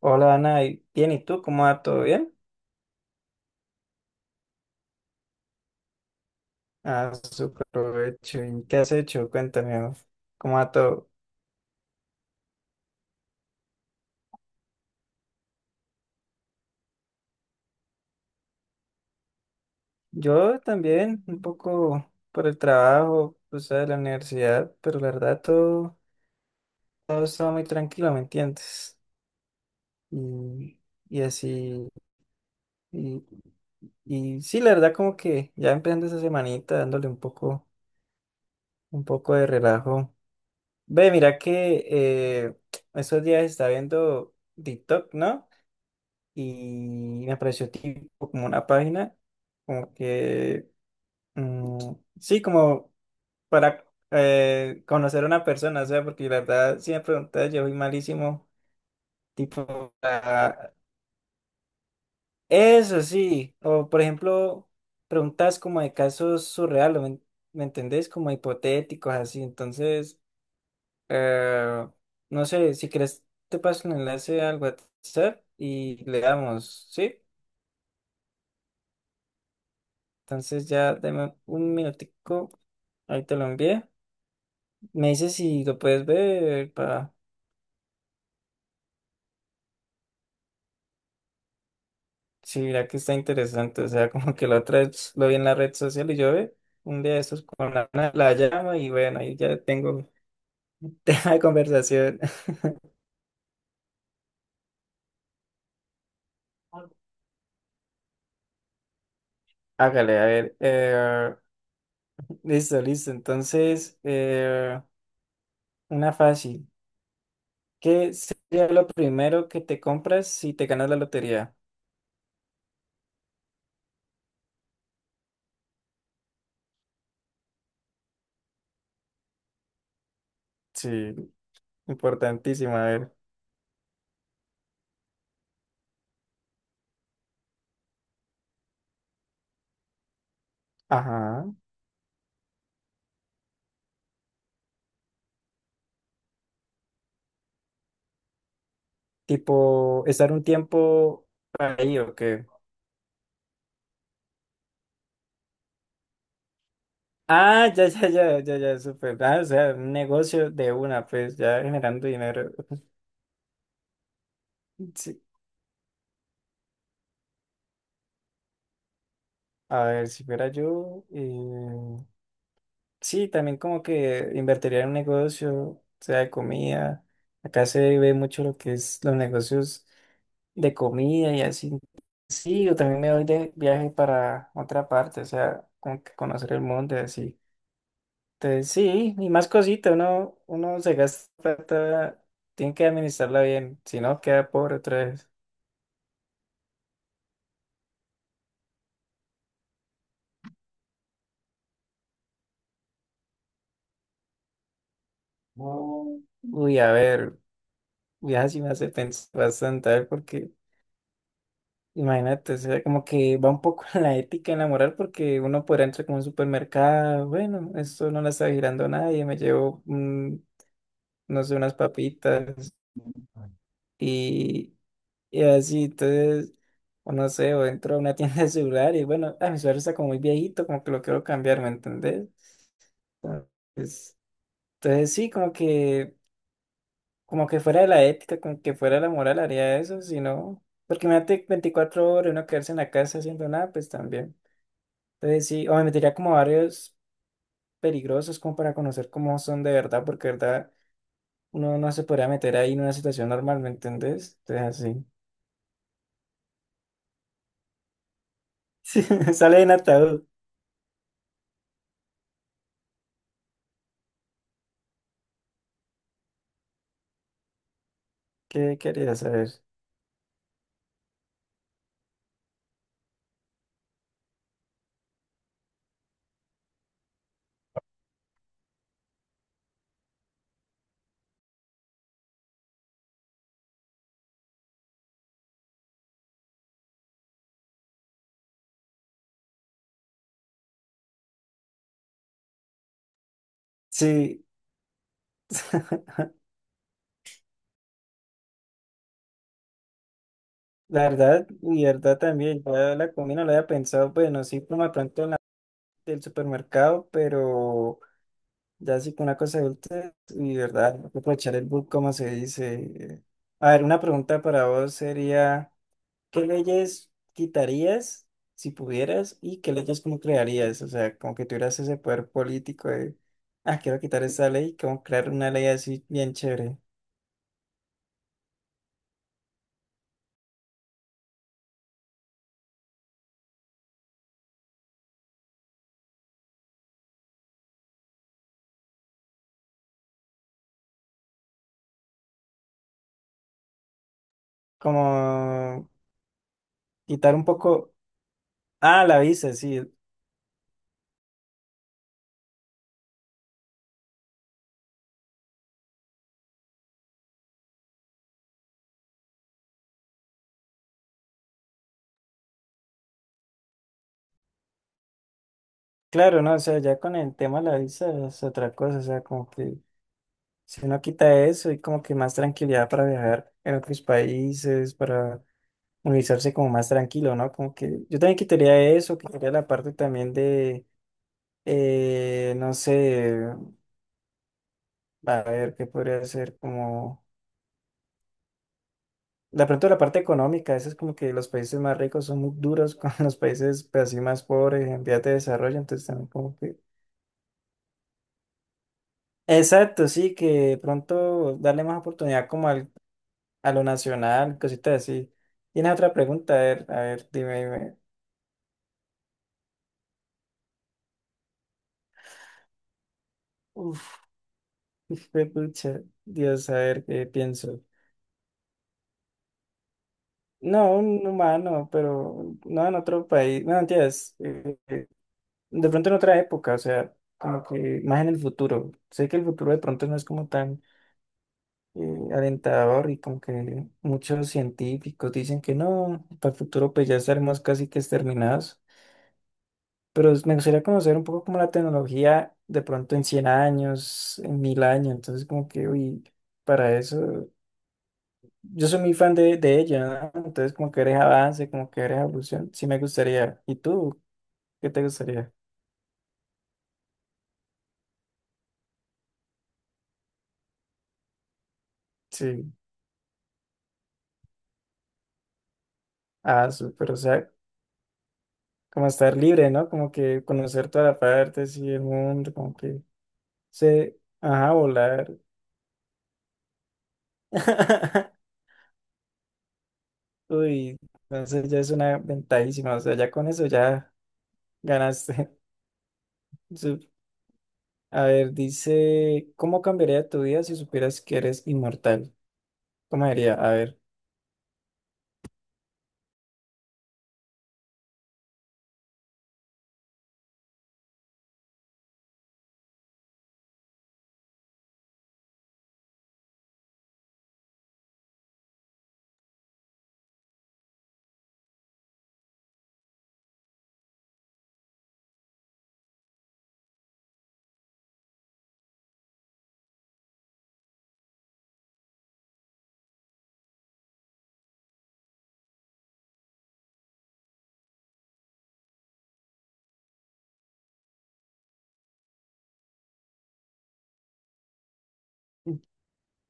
Hola Ana, bien, ¿y tú? ¿Cómo va todo bien? Ah, súper provecho. ¿Qué has hecho? Cuéntame, ¿no? ¿Cómo va todo? Yo también, un poco por el trabajo, pues de la universidad, pero la verdad todo estaba muy tranquilo, ¿me entiendes? Y, y así, y, y sí, la verdad como que ya empezando esa semanita dándole un poco de relajo. Ve, mira que estos días está viendo TikTok, ¿no? Y me apareció tipo como una página, como que, mm, sí, como para conocer a una persona, o sea, porque la verdad, si me preguntas, yo soy malísimo, tipo. Eso sí, o por ejemplo, preguntas como de casos surreales, ¿me entendés? Como hipotéticos, así, entonces, eh, no sé, si quieres, te paso el enlace al WhatsApp y le damos, ¿sí? Entonces ya dame un minutico. Ahí te lo envié. Me dice si lo puedes ver para si mira que está interesante. O sea, como que la otra vez lo vi en la red social y yo ve un día de estos con la llama y bueno, ahí ya tengo tema de conversación. Hágale, a ver. Listo, listo. Entonces, una fácil. ¿Qué sería lo primero que te compras si te ganas la lotería? Sí, importantísimo. A ver. Ajá. Tipo, estar un tiempo ahí o qué. Ah, ya, ya, ya, ya, ya, súper. Ah, o sea, un negocio de una, pues ya generando dinero. Sí. A ver, si fuera yo, sí, también como que invertiría en un negocio, o sea, de comida. Acá se ve mucho lo que es los negocios de comida y así. Sí, yo también me voy de viaje para otra parte, o sea, como que conocer el mundo y así. Entonces, sí, y más cosita, uno se gasta plata, tiene que administrarla bien, si no queda pobre otra vez. No. Uy, a ver, ya sí me hace pensar bastante, a ver, porque imagínate, o sea, como que va un poco en la ética, en la moral, porque uno podrá entrar como a un supermercado, bueno, esto no la está girando nadie, me llevo, no sé, unas papitas y, Y así, entonces, o no sé, o entro a una tienda de celular y bueno, ah, mi celular está como muy viejito, como que lo quiero cambiar, ¿me entendés? Entonces, entonces sí, como que fuera de la ética, como que fuera de la moral haría eso, si no, porque imagínate 24 horas uno quedarse en la casa haciendo nada, pues también. Entonces sí, o me metería como a barrios peligrosos como para conocer cómo son de verdad, porque de verdad uno no se podría meter ahí en una situación normal, ¿me entendés? Entonces así, sale en ataúd, ¿qué querías saber? Sí, la verdad, y verdad también, yo la comida no la había pensado, bueno, sí, como de pronto en la del supermercado, pero ya sí con una cosa adulta, y verdad, hay que aprovechar el book, como se dice. A ver, una pregunta para vos sería, ¿qué leyes quitarías si pudieras y qué leyes como crearías? O sea, como que tuvieras ese poder político de, ah, quiero quitar esta ley, como crear una ley así bien chévere, como quitar un poco... Ah, la visa, sí. Claro, no, o sea, ya con el tema de la visa es otra cosa, o sea, como que si uno quita eso y como que más tranquilidad para viajar en otros países, para movilizarse como más tranquilo, ¿no? Como que yo también quitaría eso, quitaría la parte también de, no sé, a ver, ¿qué podría ser? Como, de pronto la parte económica, eso es como que los países más ricos son muy duros con los países pues, así más pobres en vías de desarrollo, entonces también como que... Exacto, sí, que de pronto darle más oportunidad como al a lo nacional, cositas así. ¿Tienes otra pregunta? A ver, dime, dime. Uf, pucha, Dios, a ver qué pienso. No, un humano, pero no en otro país. No, entiendes. De pronto en otra época, o sea, como que más en el futuro. Sé que el futuro de pronto no es como tan alentador y como que muchos científicos dicen que no, para el futuro pues ya estaremos casi que exterminados. Pero me gustaría conocer un poco como la tecnología de pronto en 100 años, en 1000 años, entonces como que, uy, para eso, yo soy muy fan de ella, ¿no? Entonces como que eres avance, como que eres evolución, sí me gustaría. ¿Y tú? ¿Qué te gustaría? Sí, ah, súper, o sea, como estar libre, ¿no? Como que conocer todas las partes y el mundo, como que se, ajá, volar. Uy, entonces ya es una ventajísima, o sea, ya con eso ya ganaste. A ver, dice, ¿cómo cambiaría tu vida si supieras que eres inmortal? ¿Cómo diría? A ver.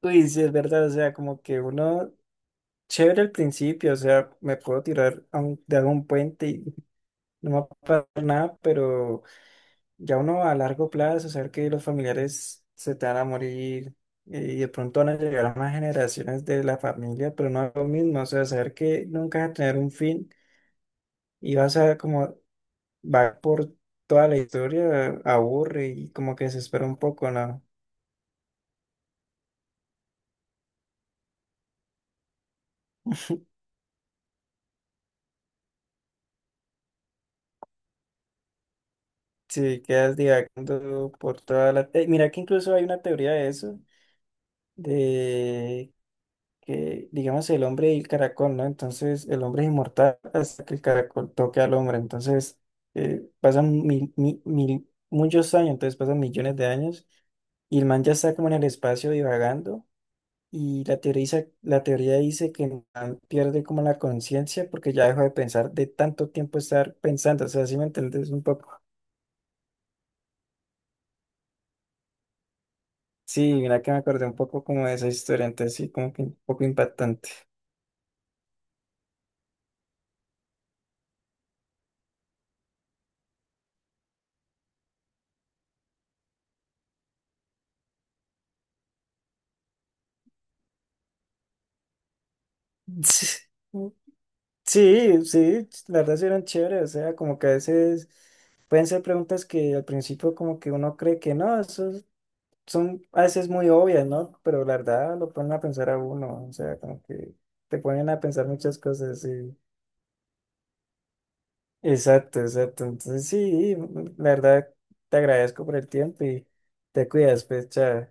Uy, sí, es verdad, o sea, como que uno, chévere al principio, o sea, me puedo tirar de algún puente y no me va a pasar nada, pero ya uno a largo plazo, saber que los familiares se te van a morir y de pronto van a llegar más generaciones de la familia, pero no es lo mismo, o sea, saber que nunca vas a tener un fin y vas a como va por toda la historia, aburre y como que desespera un poco, ¿no? Si quedas divagando por toda la. Mira que incluso hay una teoría de eso, de que, digamos, el hombre y el caracol, ¿no? Entonces, el hombre es inmortal hasta que el caracol toque al hombre. Entonces, pasan muchos años, entonces pasan millones de años y el man ya está como en el espacio divagando. Y la teoría dice que el man pierde como la conciencia porque ya dejó de pensar de tanto tiempo estar pensando. O sea, si me entiendes un poco. Sí, mira que me acordé un poco como de esa historia, entonces sí, como que un poco impactante. Sí, sí, sí, la verdad sí eran chéveres. O sea, como que a veces pueden ser preguntas que al principio como que uno cree que no, son a veces muy obvias, ¿no? Pero la verdad lo ponen a pensar a uno. O sea, como que te ponen a pensar muchas cosas. Sí. Exacto, exacto. Entonces, sí, la verdad, te agradezco por el tiempo y te cuidas, pues, chao.